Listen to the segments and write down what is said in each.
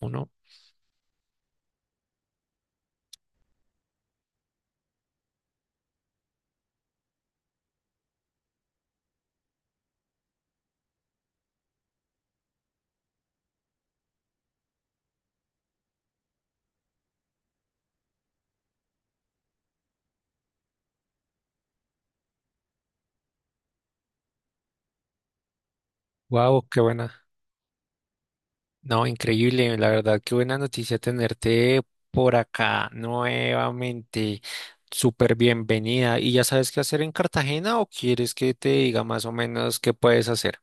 Uno. Wow, qué buena. No, increíble, la verdad, qué buena noticia tenerte por acá nuevamente. Súper bienvenida. ¿Y ya sabes qué hacer en Cartagena o quieres que te diga más o menos qué puedes hacer?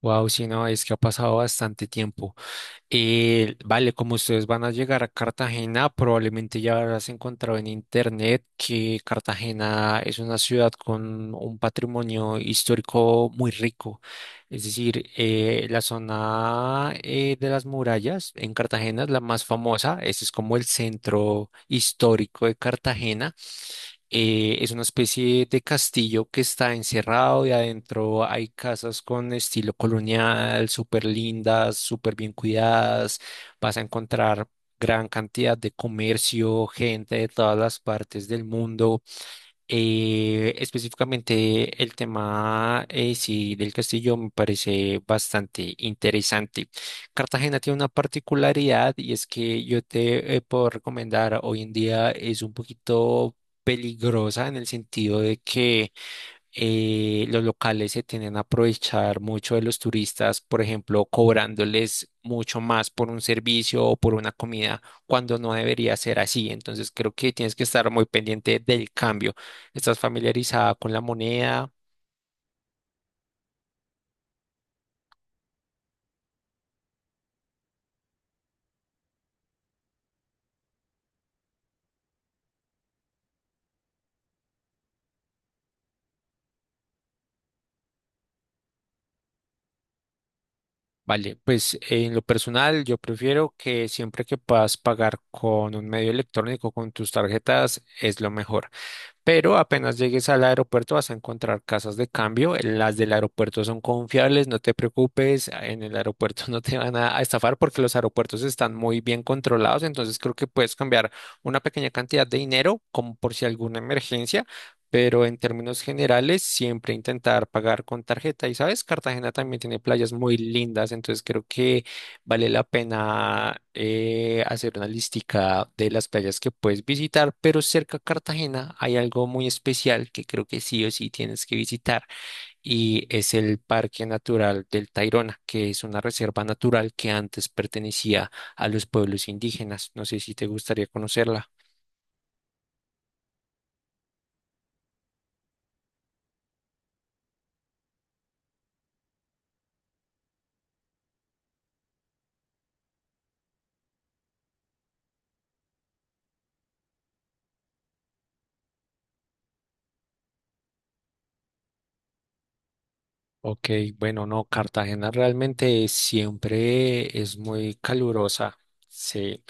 Wow, si no, es que ha pasado bastante tiempo. Vale, como ustedes van a llegar a Cartagena, probablemente ya habrás encontrado en internet que Cartagena es una ciudad con un patrimonio histórico muy rico. Es decir, la zona de las murallas en Cartagena es la más famosa. Ese es como el centro histórico de Cartagena. Es una especie de castillo que está encerrado y adentro hay casas con estilo colonial, súper lindas, súper bien cuidadas. Vas a encontrar gran cantidad de comercio, gente de todas las partes del mundo. Específicamente el tema sí, del castillo me parece bastante interesante. Cartagena tiene una particularidad y es que yo te puedo recomendar, hoy en día es un poquito peligrosa en el sentido de que los locales se tienden a aprovechar mucho de los turistas, por ejemplo, cobrándoles mucho más por un servicio o por una comida, cuando no debería ser así. Entonces, creo que tienes que estar muy pendiente del cambio. ¿Estás familiarizada con la moneda? Vale, pues en lo personal yo prefiero que siempre que puedas pagar con un medio electrónico, con tus tarjetas, es lo mejor. Pero apenas llegues al aeropuerto vas a encontrar casas de cambio. Las del aeropuerto son confiables, no te preocupes. En el aeropuerto no te van a estafar porque los aeropuertos están muy bien controlados. Entonces creo que puedes cambiar una pequeña cantidad de dinero como por si alguna emergencia. Pero en términos generales, siempre intentar pagar con tarjeta. Y sabes, Cartagena también tiene playas muy lindas. Entonces creo que vale la pena hacer una listica de las playas que puedes visitar, pero cerca a Cartagena hay algo muy especial que creo que sí o sí tienes que visitar y es el Parque Natural del Tayrona, que es una reserva natural que antes pertenecía a los pueblos indígenas. No sé si te gustaría conocerla. Ok, bueno, no, Cartagena realmente siempre es muy calurosa, sí.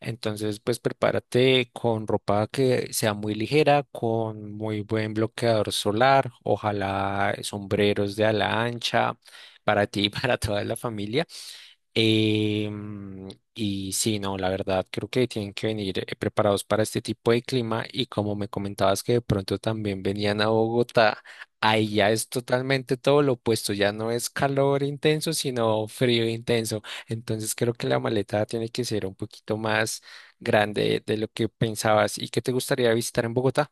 Entonces, pues prepárate con ropa que sea muy ligera, con muy buen bloqueador solar, ojalá sombreros de ala ancha para ti y para toda la familia. Em, y sí, no, la verdad, creo que tienen que venir preparados para este tipo de clima y como me comentabas que de pronto también venían a Bogotá, ahí ya es totalmente todo lo opuesto, ya no es calor intenso, sino frío intenso. Entonces creo que la maleta tiene que ser un poquito más grande de lo que pensabas. ¿Y qué te gustaría visitar en Bogotá?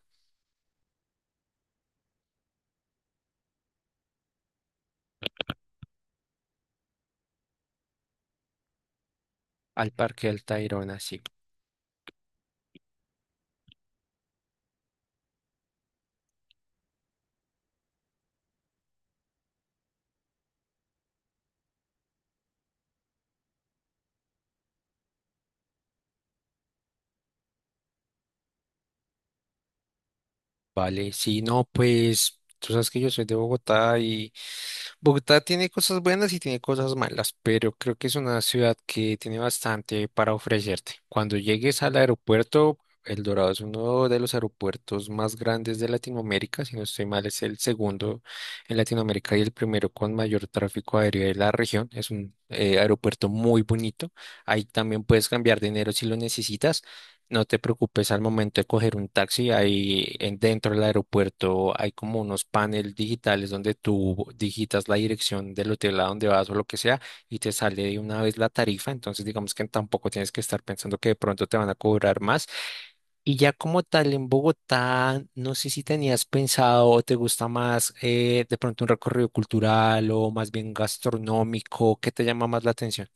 Al Parque del Tayrona, sí. Vale, sí, no, pues tú sabes que yo soy de Bogotá y Bogotá tiene cosas buenas y tiene cosas malas, pero creo que es una ciudad que tiene bastante para ofrecerte. Cuando llegues al aeropuerto, El Dorado es uno de los aeropuertos más grandes de Latinoamérica, si no estoy mal, es el segundo en Latinoamérica y el primero con mayor tráfico aéreo de la región. Es un aeropuerto muy bonito. Ahí también puedes cambiar dinero si lo necesitas. No te preocupes, al momento de coger un taxi, ahí dentro del aeropuerto hay como unos paneles digitales donde tú digitas la dirección del hotel a donde vas o lo que sea y te sale de una vez la tarifa. Entonces, digamos que tampoco tienes que estar pensando que de pronto te van a cobrar más. Y ya como tal en Bogotá, no sé si tenías pensado o te gusta más de pronto un recorrido cultural o más bien gastronómico, ¿qué te llama más la atención?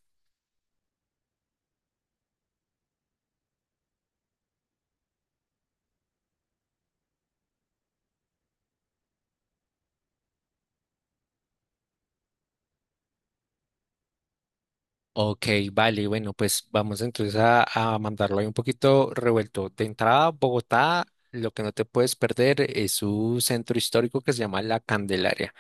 Ok, vale, bueno, pues vamos entonces a mandarlo ahí un poquito revuelto. De entrada, Bogotá, lo que no te puedes perder es su centro histórico que se llama La Candelaria.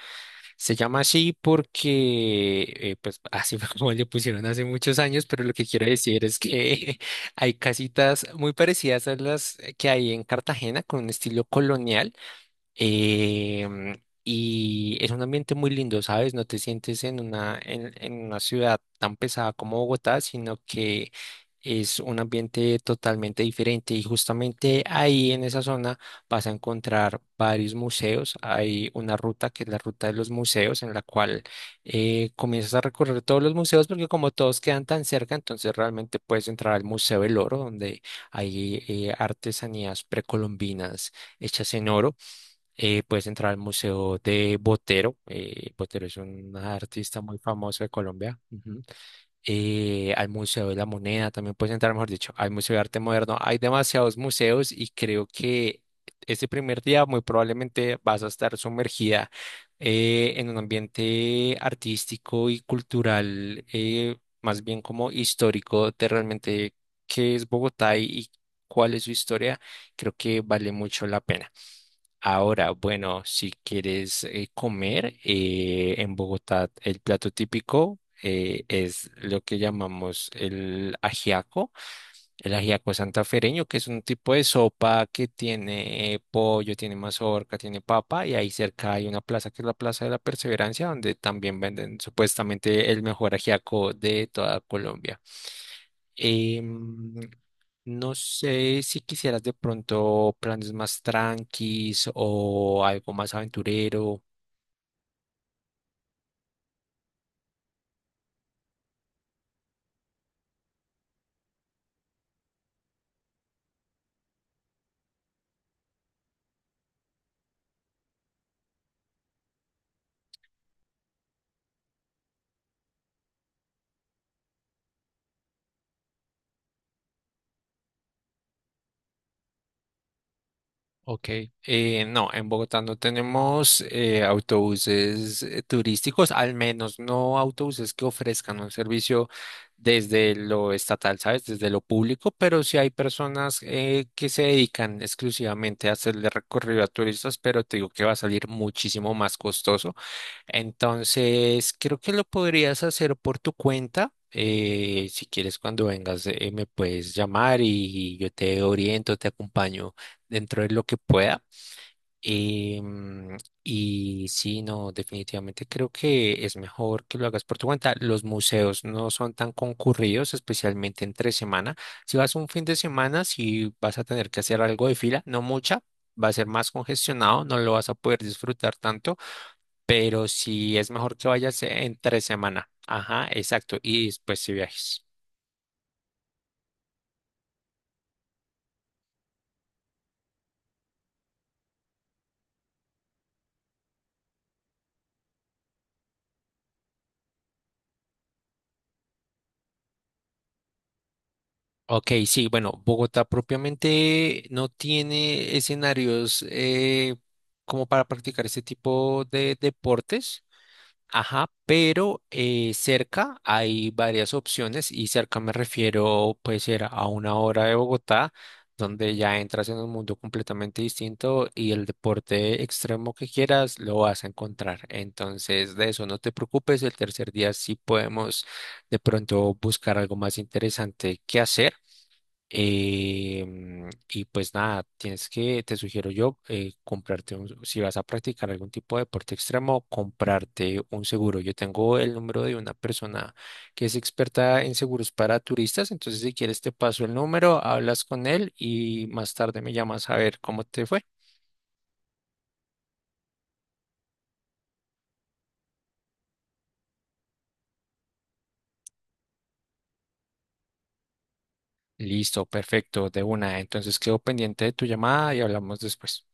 Se llama así porque, pues así fue como le pusieron hace muchos años, pero lo que quiero decir es que hay casitas muy parecidas a las que hay en Cartagena con un estilo colonial. Y es un ambiente muy lindo, ¿sabes? No te sientes en en una ciudad tan pesada como Bogotá, sino que es un ambiente totalmente diferente. Y justamente ahí en esa zona vas a encontrar varios museos. Hay una ruta que es la ruta de los museos, en la cual comienzas a recorrer todos los museos, porque como todos quedan tan cerca, entonces realmente puedes entrar al Museo del Oro, donde hay artesanías precolombinas hechas en oro. Puedes entrar al Museo de Botero. Botero es un artista muy famoso de Colombia. Ujú. Al Museo de la Moneda también puedes entrar, mejor dicho, al Museo de Arte Moderno. Hay demasiados museos y creo que este primer día muy probablemente vas a estar sumergida en un ambiente artístico y cultural, más bien como histórico de realmente qué es Bogotá y cuál es su historia. Creo que vale mucho la pena. Ahora, bueno, si quieres comer en Bogotá, el plato típico es lo que llamamos el ajiaco. El ajiaco santafereño, que es un tipo de sopa que tiene pollo, tiene mazorca, tiene papa, y ahí cerca hay una plaza que es la Plaza de la Perseverancia, donde también venden supuestamente el mejor ajiaco de toda Colombia. Em, no sé si quisieras de pronto planes más tranquis o algo más aventurero. Ok, no, en Bogotá no tenemos autobuses turísticos, al menos no autobuses que ofrezcan un servicio desde lo estatal, ¿sabes? Desde lo público, pero sí hay personas que se dedican exclusivamente a hacerle recorrido a turistas, pero te digo que va a salir muchísimo más costoso. Entonces, creo que lo podrías hacer por tu cuenta. Si quieres, cuando vengas, me puedes llamar y yo te oriento, te acompaño dentro de lo que pueda. Em, y sí, no, definitivamente creo que es mejor que lo hagas por tu cuenta. Los museos no son tan concurridos, especialmente entre semana. Si vas un fin de semana, si vas a tener que hacer algo de fila, no mucha, va a ser más congestionado, no lo vas a poder disfrutar tanto, pero si es mejor que vayas entre semana. Ajá, exacto. Y después si viajes. Ok, sí, bueno, Bogotá propiamente no tiene escenarios como para practicar este tipo de deportes. Ajá, pero cerca hay varias opciones y cerca me refiero puede ser a una hora de Bogotá, donde ya entras en un mundo completamente distinto y el deporte extremo que quieras lo vas a encontrar. Entonces, de eso no te preocupes, el tercer día sí podemos de pronto buscar algo más interesante que hacer. Y pues nada, te sugiero yo, comprarte un, si vas a practicar algún tipo de deporte extremo, comprarte un seguro. Yo tengo el número de una persona que es experta en seguros para turistas, entonces si quieres te paso el número, hablas con él y más tarde me llamas a ver cómo te fue. Listo, perfecto, de una. Entonces quedo pendiente de tu llamada y hablamos después.